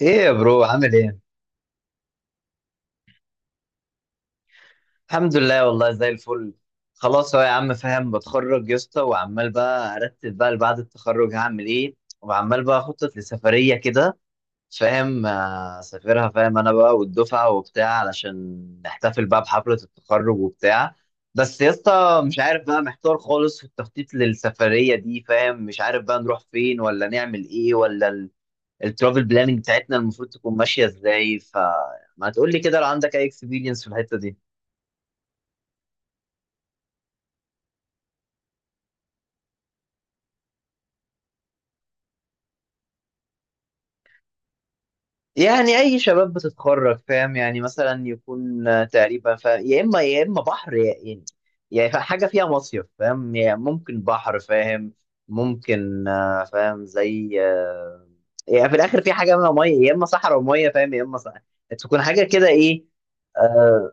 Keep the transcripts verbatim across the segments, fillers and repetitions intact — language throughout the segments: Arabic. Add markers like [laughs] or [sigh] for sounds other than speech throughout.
ايه يا برو، عامل ايه؟ الحمد لله، والله زي الفل. خلاص اهو يا عم، فاهم؟ بتخرج يا اسطى وعمال بقى ارتب، بقى بعد التخرج هعمل ايه، وعمال بقى اخطط لسفريه كده، فاهم؟ آه، اسافرها، فاهم؟ انا بقى والدفعه وبتاع، علشان نحتفل بقى بحفله التخرج وبتاع. بس يا اسطى مش عارف، بقى محتار خالص في التخطيط للسفريه دي، فاهم؟ مش عارف بقى نروح فين ولا نعمل ايه ولا الترافل بلاننج بتاعتنا المفروض تكون ماشيه ازاي، فما تقول لي كده لو عندك اي اكسبيرينس في الحته دي. يعني اي شباب بتتخرج، فاهم؟ يعني مثلا يكون آه، تقريبا ف... يا اما يا اما بحر، يا يعني، يعني ف- حاجه فيها مصيف، فاهم؟ يعني ممكن بحر، فاهم؟ ممكن آه، فاهم؟ زي آه، يعني في الاخر في حاجه، منها ميه، يا اما صحراء وميه، فاهم؟ يا اما صحراء، تكون حاجه كده، ايه. آه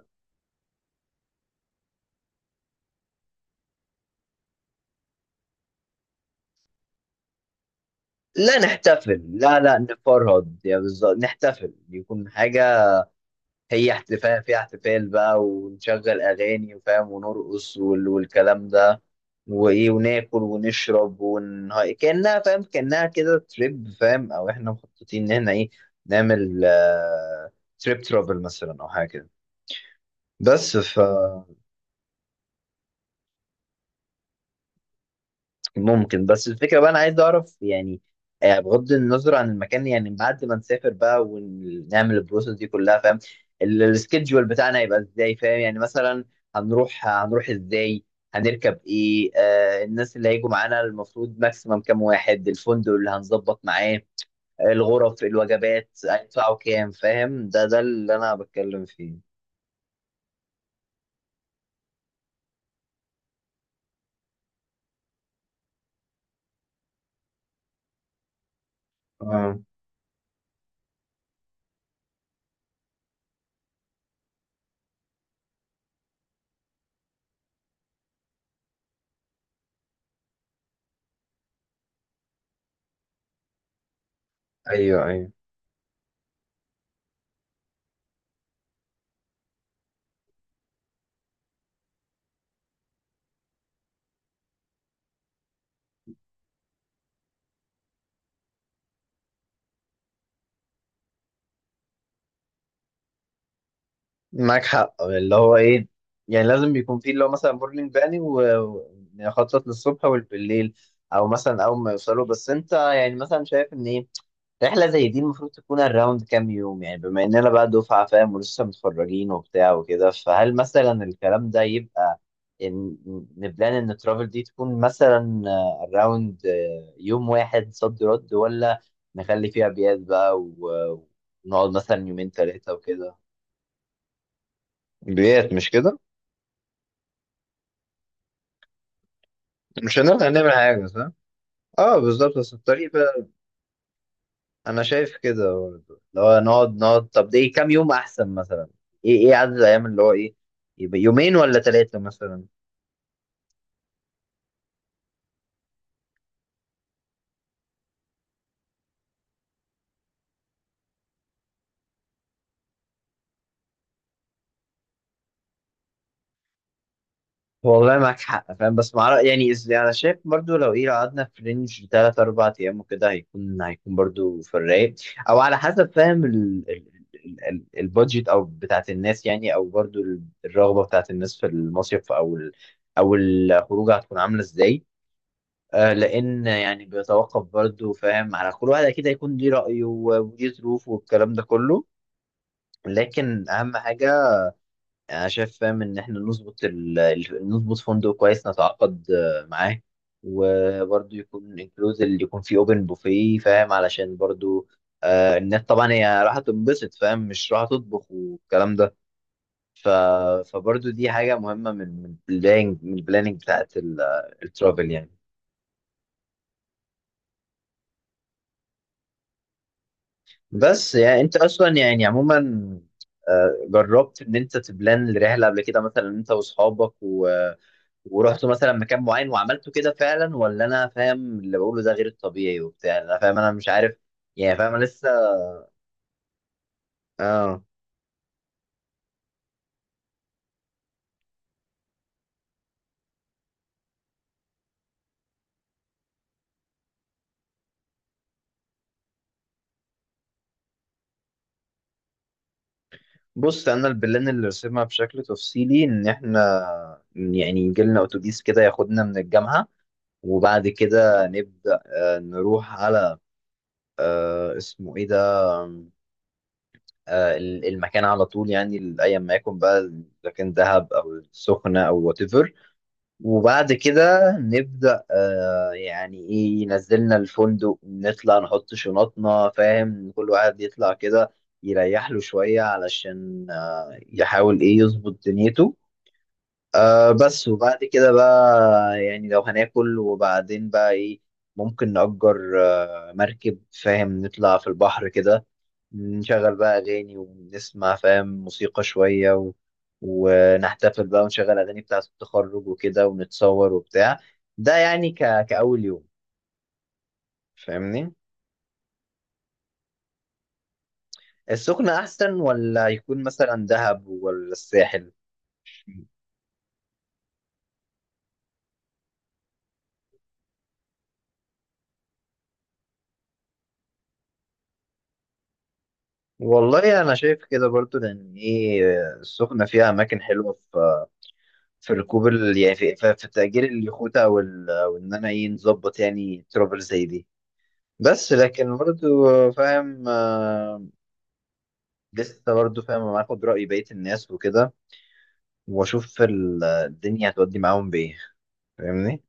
لا نحتفل، لا لا نفرهد، يعني بالظبط نحتفل، يكون حاجة هي احتفال. في احتفال بقى، ونشغل اغاني وفاهم ونرقص وال- والكلام ده، وايه، وناكل ونشرب ونه... كانها، فاهم؟ كانها كده تريب، فاهم؟ او احنا مخططين ان احنا ايه، نعمل آه... تريب ترافل مثلا او حاجه كده. بس ف ممكن، بس الفكرة بقى أنا عايز أعرف، يعني آه، بغض النظر عن المكان، يعني بعد ما نسافر بقى ونعمل البروسيس دي كلها، فاهم؟ ال- السكيدجول بتاعنا هيبقى إزاي، فاهم؟ يعني مثلا هنروح هنروح إزاي، هنركب إيه، آه الناس اللي هيجوا معانا المفروض ماكسيمم كام واحد، الفندق اللي هنظبط معاه آه، الغرف، الوجبات هيدفعوا كام، فاهم؟ ده ده اللي أنا بتكلم فيه. اه، ايوه ايوه، معاك حق، اللي هو ايه، يعني لازم بيكون فيه اللي هو مثلا مورنينج باني، ونخطط للصبح والبالليل، او مثلا اول ما يوصلوا. بس انت يعني مثلا شايف ان ايه، رحله زي دي المفروض تكون الراوند كام يوم، يعني بما اننا بقى دفعه، فاهم؟ ولسه متخرجين وبتاع وكده، فهل مثلا الكلام ده يبقى، إن، نبلان ان الترافل دي تكون مثلا الراوند يوم واحد صد رد، ولا نخلي فيها بيات بقى و- ونقعد مثلا يومين ثلاثه وكده، بيات، مش كده؟ مش هنقدر نعمل حاجة، صح؟ اه بالظبط، بس الطريق بقى، انا شايف كده برضه، لو نقعد نقعد، طب ده ايه كام يوم احسن مثلا؟ ايه ايه عدد الايام اللي هو ايه؟ يبقى يومين ولا ثلاثة مثلا؟ والله معاك حق، فاهم؟ بس مع يعني إز- يعني انا شايف برضه لو ايه، لو قعدنا في رينج ثلاث اربع ايام وكده هيكون هيكون برضه في الرايق، او على حسب، فاهم؟ ال... ال... ال- ال- البادجت او بتاعت الناس، يعني، او برضه الرغبة بتاعت الناس في المصيف او ال... او الخروج، هتكون عاملة ازاي. آه، لان يعني بيتوقف برضه، فاهم؟ على كل واحد، اكيد هيكون ليه رايه وليه ظروفه والكلام ده كله. لكن اهم حاجه انا شايف، فاهم؟ ان احنا نظبط ال... ال- نظبط فندق كويس، نتعاقد آه، معاه، وبرضه يكون انكلوز اللي يكون فيه اوبن بوفيه، فاهم؟ علشان برضه آه الناس طبعا هي راح تنبسط، فاهم؟ مش راح تطبخ والكلام ده. ف... فبرضه دي حاجه مهمه من من البلاننج، من البلاننج بتاعت الترافل يعني. بس يعني انت اصلا يعني عموما، آه، جربت ان انت تبلان الرحله قبل كده، مثلا انت واصحابك و... ورحتوا مثلا مكان معين وعملتوا كده فعلا، ولا انا فاهم اللي بقوله ده غير الطبيعي وبتاع، انا فاهم، انا مش عارف، يعني فاهم، انا لسه. اه. بص انا البلان اللي رسمها بشكل تفصيلي ان احنا، يعني يجي لنا اتوبيس كده ياخدنا من الجامعه، وبعد كده نبدا آه، نروح على آه، اسمه ايه ده، آه، المكان على طول، يعني ايا ما يكن بقى، اذا كان دهب او السخنه او وات ايفر. وبعد كده نبدا آه، يعني ايه، ينزلنا الفندق، نطلع نحط شنطنا، فاهم؟ كل واحد يطلع كده يريح له شويه، علشان آه، يحاول ايه يظبط دنيته. آه بس، وبعد كده بقى يعني لو هناكل وبعدين بقى ايه، ممكن نأجر آه، مركب، فاهم؟ نطلع في البحر كده، نشغل بقى أغاني، ونسمع، فاهم؟ موسيقى شوية و... ونحتفل بقى ونشغل أغاني بتاعة التخرج وكده، ونتصور وبتاع. ده يعني ك... كأول يوم، فاهمني؟ السخنة أحسن، ولا يكون مثلا دهب ولا الساحل؟ والله أنا شايف كده برضو، لأن إيه، السخنة فيها أماكن حلوة، في في ركوب ال... يعني في... في في تأجير اليخوت أو ال... وإن أنا إيه نظبط يعني ترافل زي دي. بس لكن برضو، فاهم؟ آه، لسه برضه، فاهم؟ أنا هاخد رأي بقية الناس وكده، وأشوف ال- الدنيا هتودي معاهم بإيه، فاهمني؟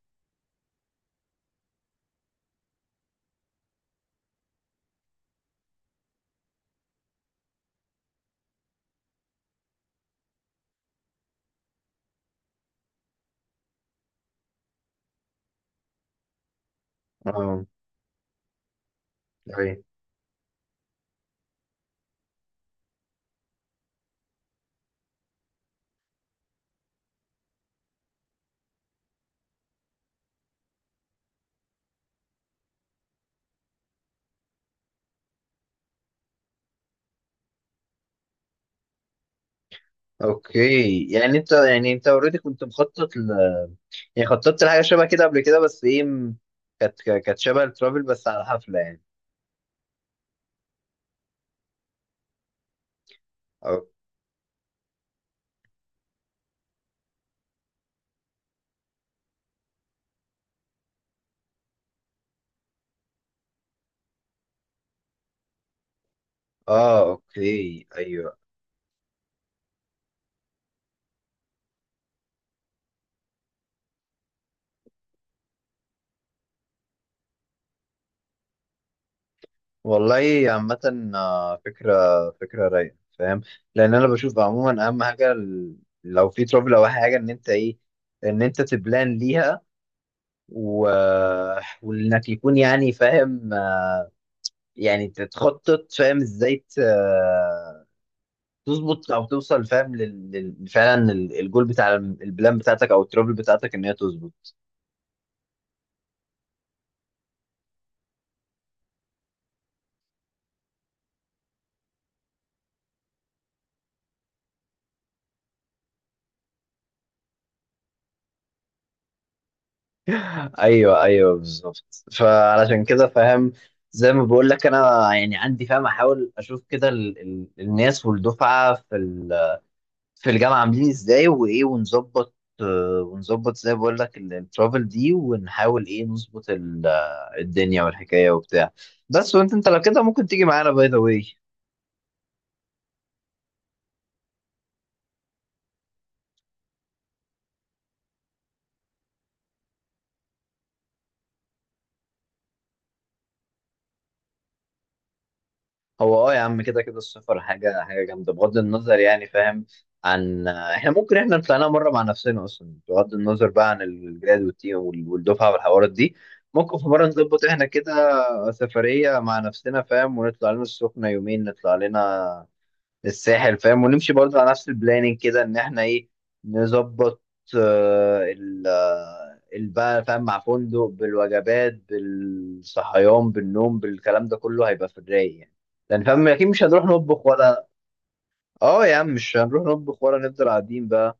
اه أوكي، أوكي. يعني أنت يعني أنت أوريدي كنت مخطط ل... يعني خططت لحاجة شبه كده قبل كده، بس إيه م- كانت كانت شبه الترافل بس على حفلة، يعني أو... آه أوكي، أيوه. والله عامة، آه، فكرة فكرة رايقة، فاهم؟ لأن أنا بشوف عموما أهم حاجة ال- لو في ترافل أو حاجة، إن أنت إيه، إن أنت تبلان ليها و... وانك يكون يعني، فاهم؟ آه، يعني تتخطط، فاهم؟ ازاي ت- آه، تظبط او توصل، فاهم؟ لل... لل... فعلا ال- الجول بتاع ال- البلان بتاعتك او الترابل بتاعتك ان هي تظبط. ايوه ايوه بالظبط، فعلشان كده، فاهم؟ زي ما بقول لك، انا يعني عندي، فاهم؟ احاول اشوف كده ال... ال... الناس والدفعه في ال... في الجامعة عاملين ازاي وايه، ونظبط آه، ونظبط زي ما بقول لك ال- الترافل دي، ونحاول ايه نظبط ال- آه، الدنيا والحكاية وبتاع. بس وانت، انت لو كده ممكن تيجي معانا باي ذا واي. هو اه يا عم كده كده السفر حاجة حاجة جامدة بغض النظر، يعني، فاهم؟ عن آه، احنا ممكن احنا طلعناها مرة مع نفسنا اصلا، بغض النظر بقى عن الجراد والتيم وال- والدفعة والحوارات دي. ممكن في مرة نظبط احنا كده سفرية مع نفسنا، فاهم؟ ونطلع لنا السخنة يومين، نطلع لنا الساحل، فاهم؟ ونمشي برضه على نفس البلاننج، كده ان احنا ايه، نظبط آه، ال آه، ال- بقى، فاهم؟ مع فندق، بالوجبات بالصحيان بالنوم بالكلام ده كله، هيبقى في الرايق يعني. لان فاهم اكيد مش هنروح نطبخ ولا، اه يا عم مش هنروح نطبخ ولا نفضل قاعدين بقى.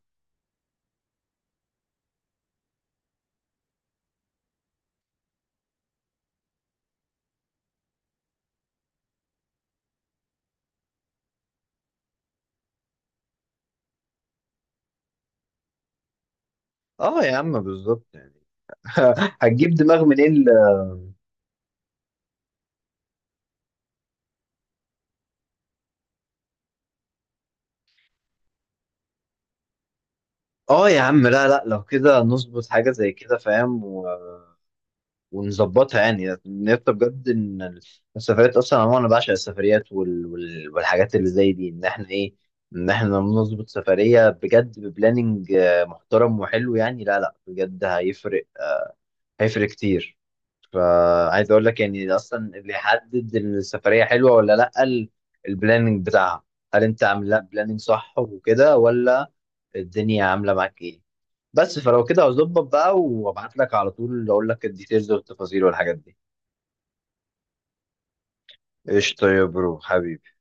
اه يا عم بالظبط يعني. [laughs] هتجيب دماغ منين ل- اه يا عم، لا لا، لو كده نظبط حاجة زي كده، فاهم؟ و... ونظبطها يعني، نبقى بجد ان السفريات اصلا عموما، انا بعشق السفريات وال... وال... والحاجات اللي زي دي، ان احنا ايه، ان احنا نظبط سفريه بجد ببلاننج آه، محترم وحلو، يعني لا لا بجد هيفرق، هيفرق كتير. فعايز اقول لك يعني اصلا اللي يحدد السفريه حلوه ولا لا ال- البلاننج بتاعها. هل انت عامل لها بلاننج صح وكده، ولا الدنيا عامله معاك ايه؟ بس فلو كده هظبط بقى وابعت لك على طول، اقول لك الديتيلز والتفاصيل والحاجات دي. قشطة يا برو، حبيبي.